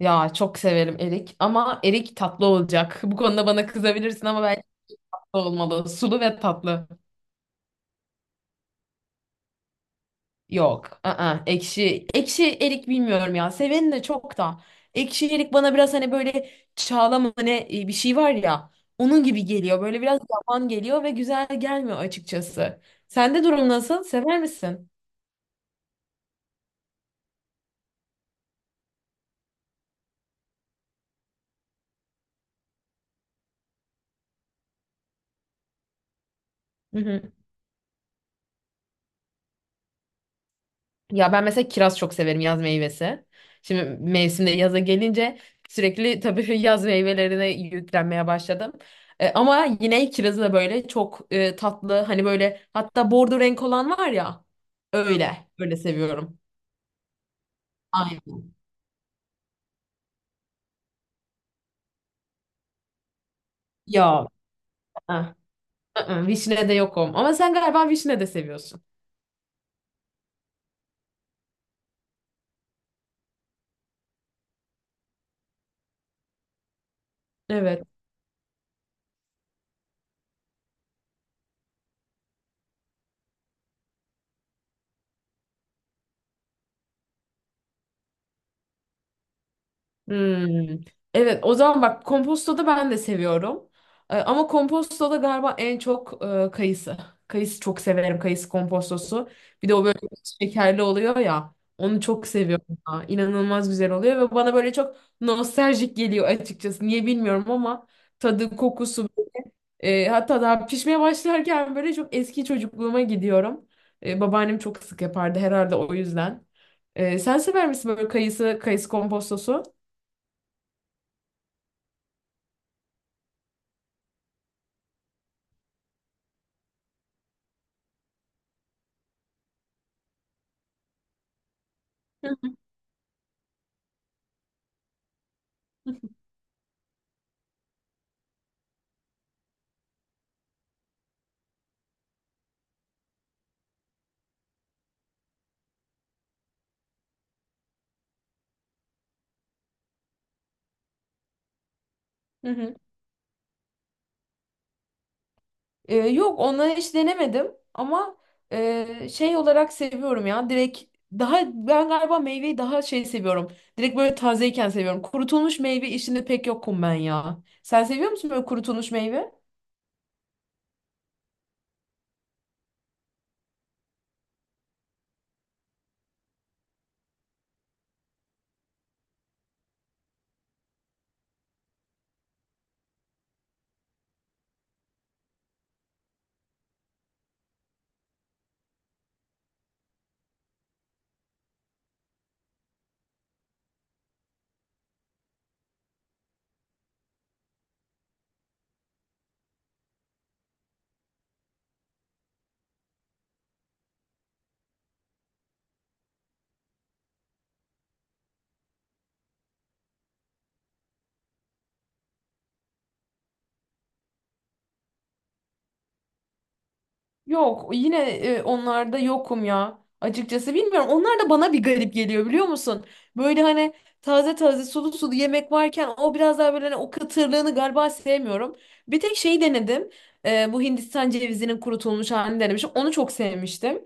Ya çok severim erik ama erik tatlı olacak. Bu konuda bana kızabilirsin ama bence tatlı olmalı. Sulu ve tatlı. Yok. Ekşi. Ekşi erik bilmiyorum ya. Seveni de çok da. Ekşi erik bana biraz hani böyle çağla mı ne bir şey var ya. Onun gibi geliyor. Böyle biraz yavan geliyor ve güzel gelmiyor açıkçası. Sende durum nasıl? Sever misin? Ya ben mesela kiraz çok severim, yaz meyvesi. Şimdi mevsimde yaza gelince sürekli tabii yaz meyvelerine yüklenmeye başladım. Ama yine kirazı da böyle çok tatlı, hani böyle hatta bordo renk olan var ya, öyle öyle seviyorum. Aynen. Ya. ah, Vişne de yokum ama sen galiba vişne de seviyorsun. Evet. Hmm. Evet, o zaman bak kompostoda ben de seviyorum. Ama kompostoda galiba en çok kayısı. Kayısı çok severim. Kayısı kompostosu. Bir de o böyle şekerli oluyor ya. Onu çok seviyorum. Ya. İnanılmaz güzel oluyor ve bana böyle çok nostaljik geliyor açıkçası. Niye bilmiyorum ama tadı, kokusu hatta daha pişmeye başlarken böyle çok eski çocukluğuma gidiyorum. Babaannem çok sık yapardı herhalde, o yüzden. Sen sever misin böyle kayısı, kayısı kompostosu? Hı hı. Yok, onları hiç denemedim ama şey olarak seviyorum ya, direkt. Daha ben galiba meyveyi daha şey seviyorum. Direkt böyle tazeyken seviyorum. Kurutulmuş meyve işinde pek yokum ben ya. Sen seviyor musun böyle kurutulmuş meyve? Yok, yine onlarda yokum ya. Açıkçası bilmiyorum. Onlar da bana bir garip geliyor, biliyor musun? Böyle hani taze taze sulu sulu yemek varken, o biraz daha böyle hani o katırlığını galiba sevmiyorum. Bir tek şeyi denedim. Bu Hindistan cevizinin kurutulmuş halini denemişim. Onu çok sevmiştim.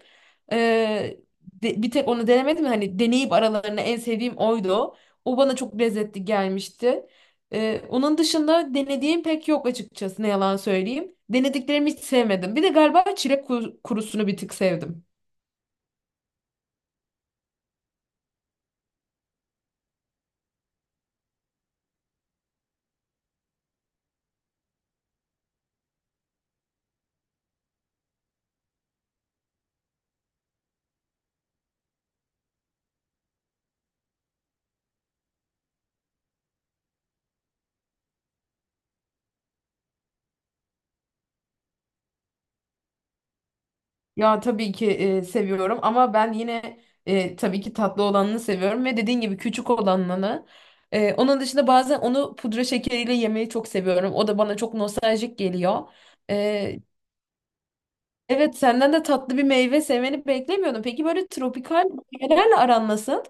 E, Bir tek onu denemedim. Hani deneyip aralarında en sevdiğim oydu. O bana çok lezzetli gelmişti. Onun dışında denediğim pek yok açıkçası, ne yalan söyleyeyim. Denediklerimi hiç sevmedim. Bir de galiba çilek kurusunu bir tık sevdim. Ya tabii ki seviyorum ama ben yine tabii ki tatlı olanını seviyorum ve dediğin gibi küçük olanını. Onun dışında bazen onu pudra şekeriyle yemeyi çok seviyorum. O da bana çok nostaljik geliyor. E, Evet, senden de tatlı bir meyve sevmeni beklemiyordum. Peki böyle tropikal meyvelerle aran nasıl?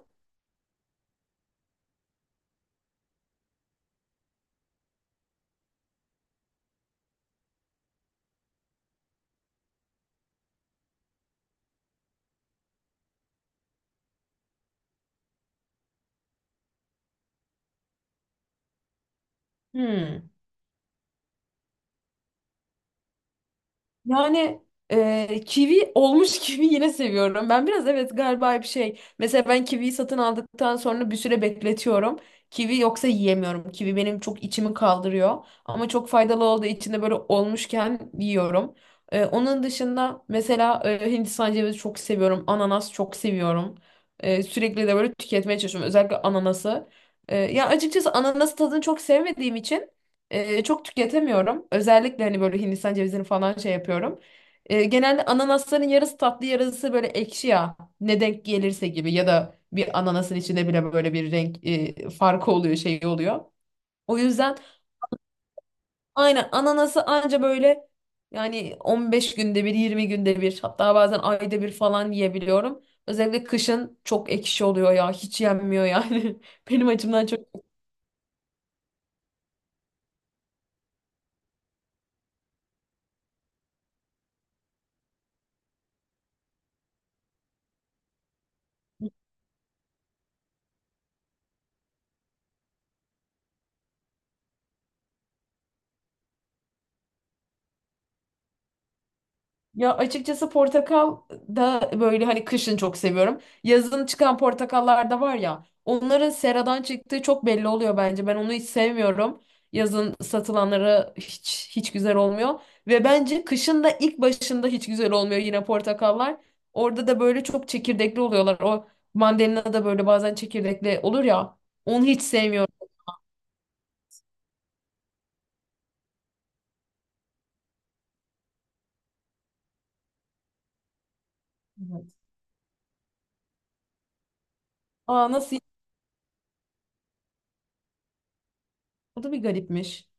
Hmm. Yani kivi olmuş kivi yine seviyorum. Ben biraz evet galiba bir şey. Mesela ben kiviyi satın aldıktan sonra bir süre bekletiyorum. Kivi yoksa yiyemiyorum. Kivi benim çok içimi kaldırıyor. Ama çok faydalı olduğu için de böyle olmuşken yiyorum. Onun dışında mesela Hindistan cevizi çok seviyorum. Ananas çok seviyorum. Sürekli de böyle tüketmeye çalışıyorum, özellikle ananası. Ya açıkçası ananas tadını çok sevmediğim için çok tüketemiyorum. Özellikle hani böyle Hindistan cevizini falan şey yapıyorum. Genelde ananasların yarısı tatlı, yarısı böyle ekşi ya. Ne denk gelirse gibi, ya da bir ananasın içinde bile böyle bir renk farkı oluyor, şey oluyor. O yüzden aynen ananası anca böyle, yani 15 günde bir, 20 günde bir, hatta bazen ayda bir falan yiyebiliyorum. Özellikle kışın çok ekşi oluyor ya, hiç yenmiyor yani. Benim açımdan çok. Ya açıkçası portakal da böyle hani kışın çok seviyorum. Yazın çıkan portakallar da var ya, onların seradan çıktığı çok belli oluyor bence. Ben onu hiç sevmiyorum. Yazın satılanları hiç hiç güzel olmuyor ve bence kışın da ilk başında hiç güzel olmuyor yine portakallar. Orada da böyle çok çekirdekli oluyorlar. O mandalina da böyle bazen çekirdekli olur ya. Onu hiç sevmiyorum. Evet. Aa, nasıl? O da bir garipmiş.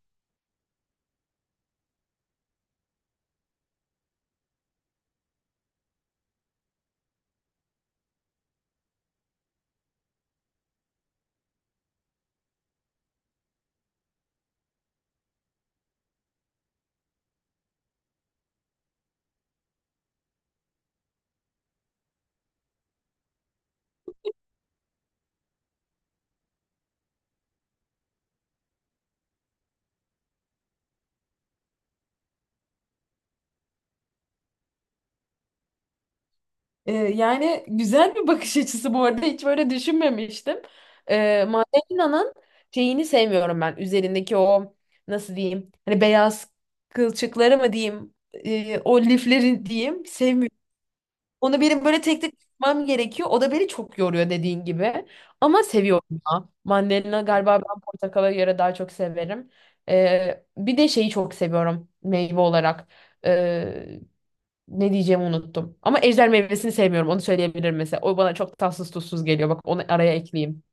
Yani güzel bir bakış açısı bu arada. Hiç böyle düşünmemiştim. Mandalina'nın şeyini sevmiyorum ben. Üzerindeki o, nasıl diyeyim? Hani beyaz kılçıkları mı diyeyim? O lifleri diyeyim. Sevmiyorum. Onu benim böyle tek tek tutmam gerekiyor. O da beni çok yoruyor, dediğin gibi. Ama seviyorum ya. Mandalina galiba ben portakala göre daha çok severim. Bir de şeyi çok seviyorum meyve olarak. Ee, Ne diyeceğimi unuttum. Ama ejder meyvesini sevmiyorum. Onu söyleyebilirim mesela. O bana çok tatsız tuzsuz geliyor. Bak, onu araya ekleyeyim.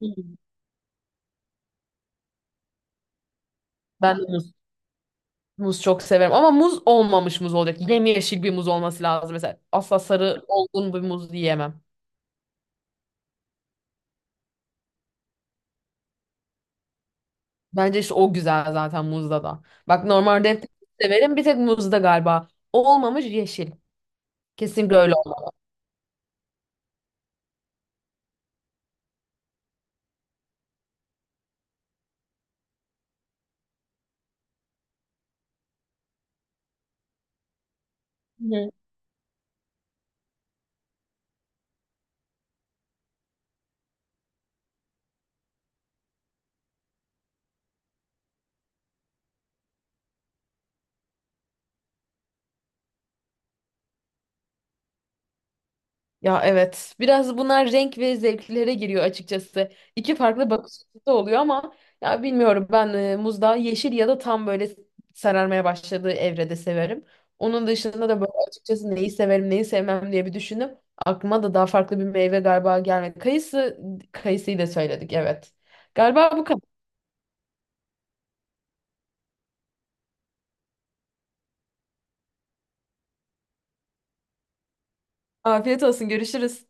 Hmm. Ben de muz, muz çok severim. Ama muz olmamış muz olacak. Yemyeşil bir muz olması lazım. Mesela asla sarı olgun bir muz yiyemem. Bence işte o güzel zaten muzda da. Bak, normalde hep severim. Bir tek muzda galiba. O olmamış yeşil. Kesinlikle öyle olmalı. Ya evet. Biraz bunlar renk ve zevklere giriyor açıkçası. İki farklı bakış açısı oluyor ama ya bilmiyorum, ben muzda yeşil ya da tam böyle sararmaya başladığı evrede severim. Onun dışında da böyle açıkçası neyi severim, neyi sevmem diye bir düşündüm. Aklıma da daha farklı bir meyve galiba gelmedi. Kayısı, kayısıyı da söyledik, evet. Galiba bu kadar. Afiyet olsun, görüşürüz.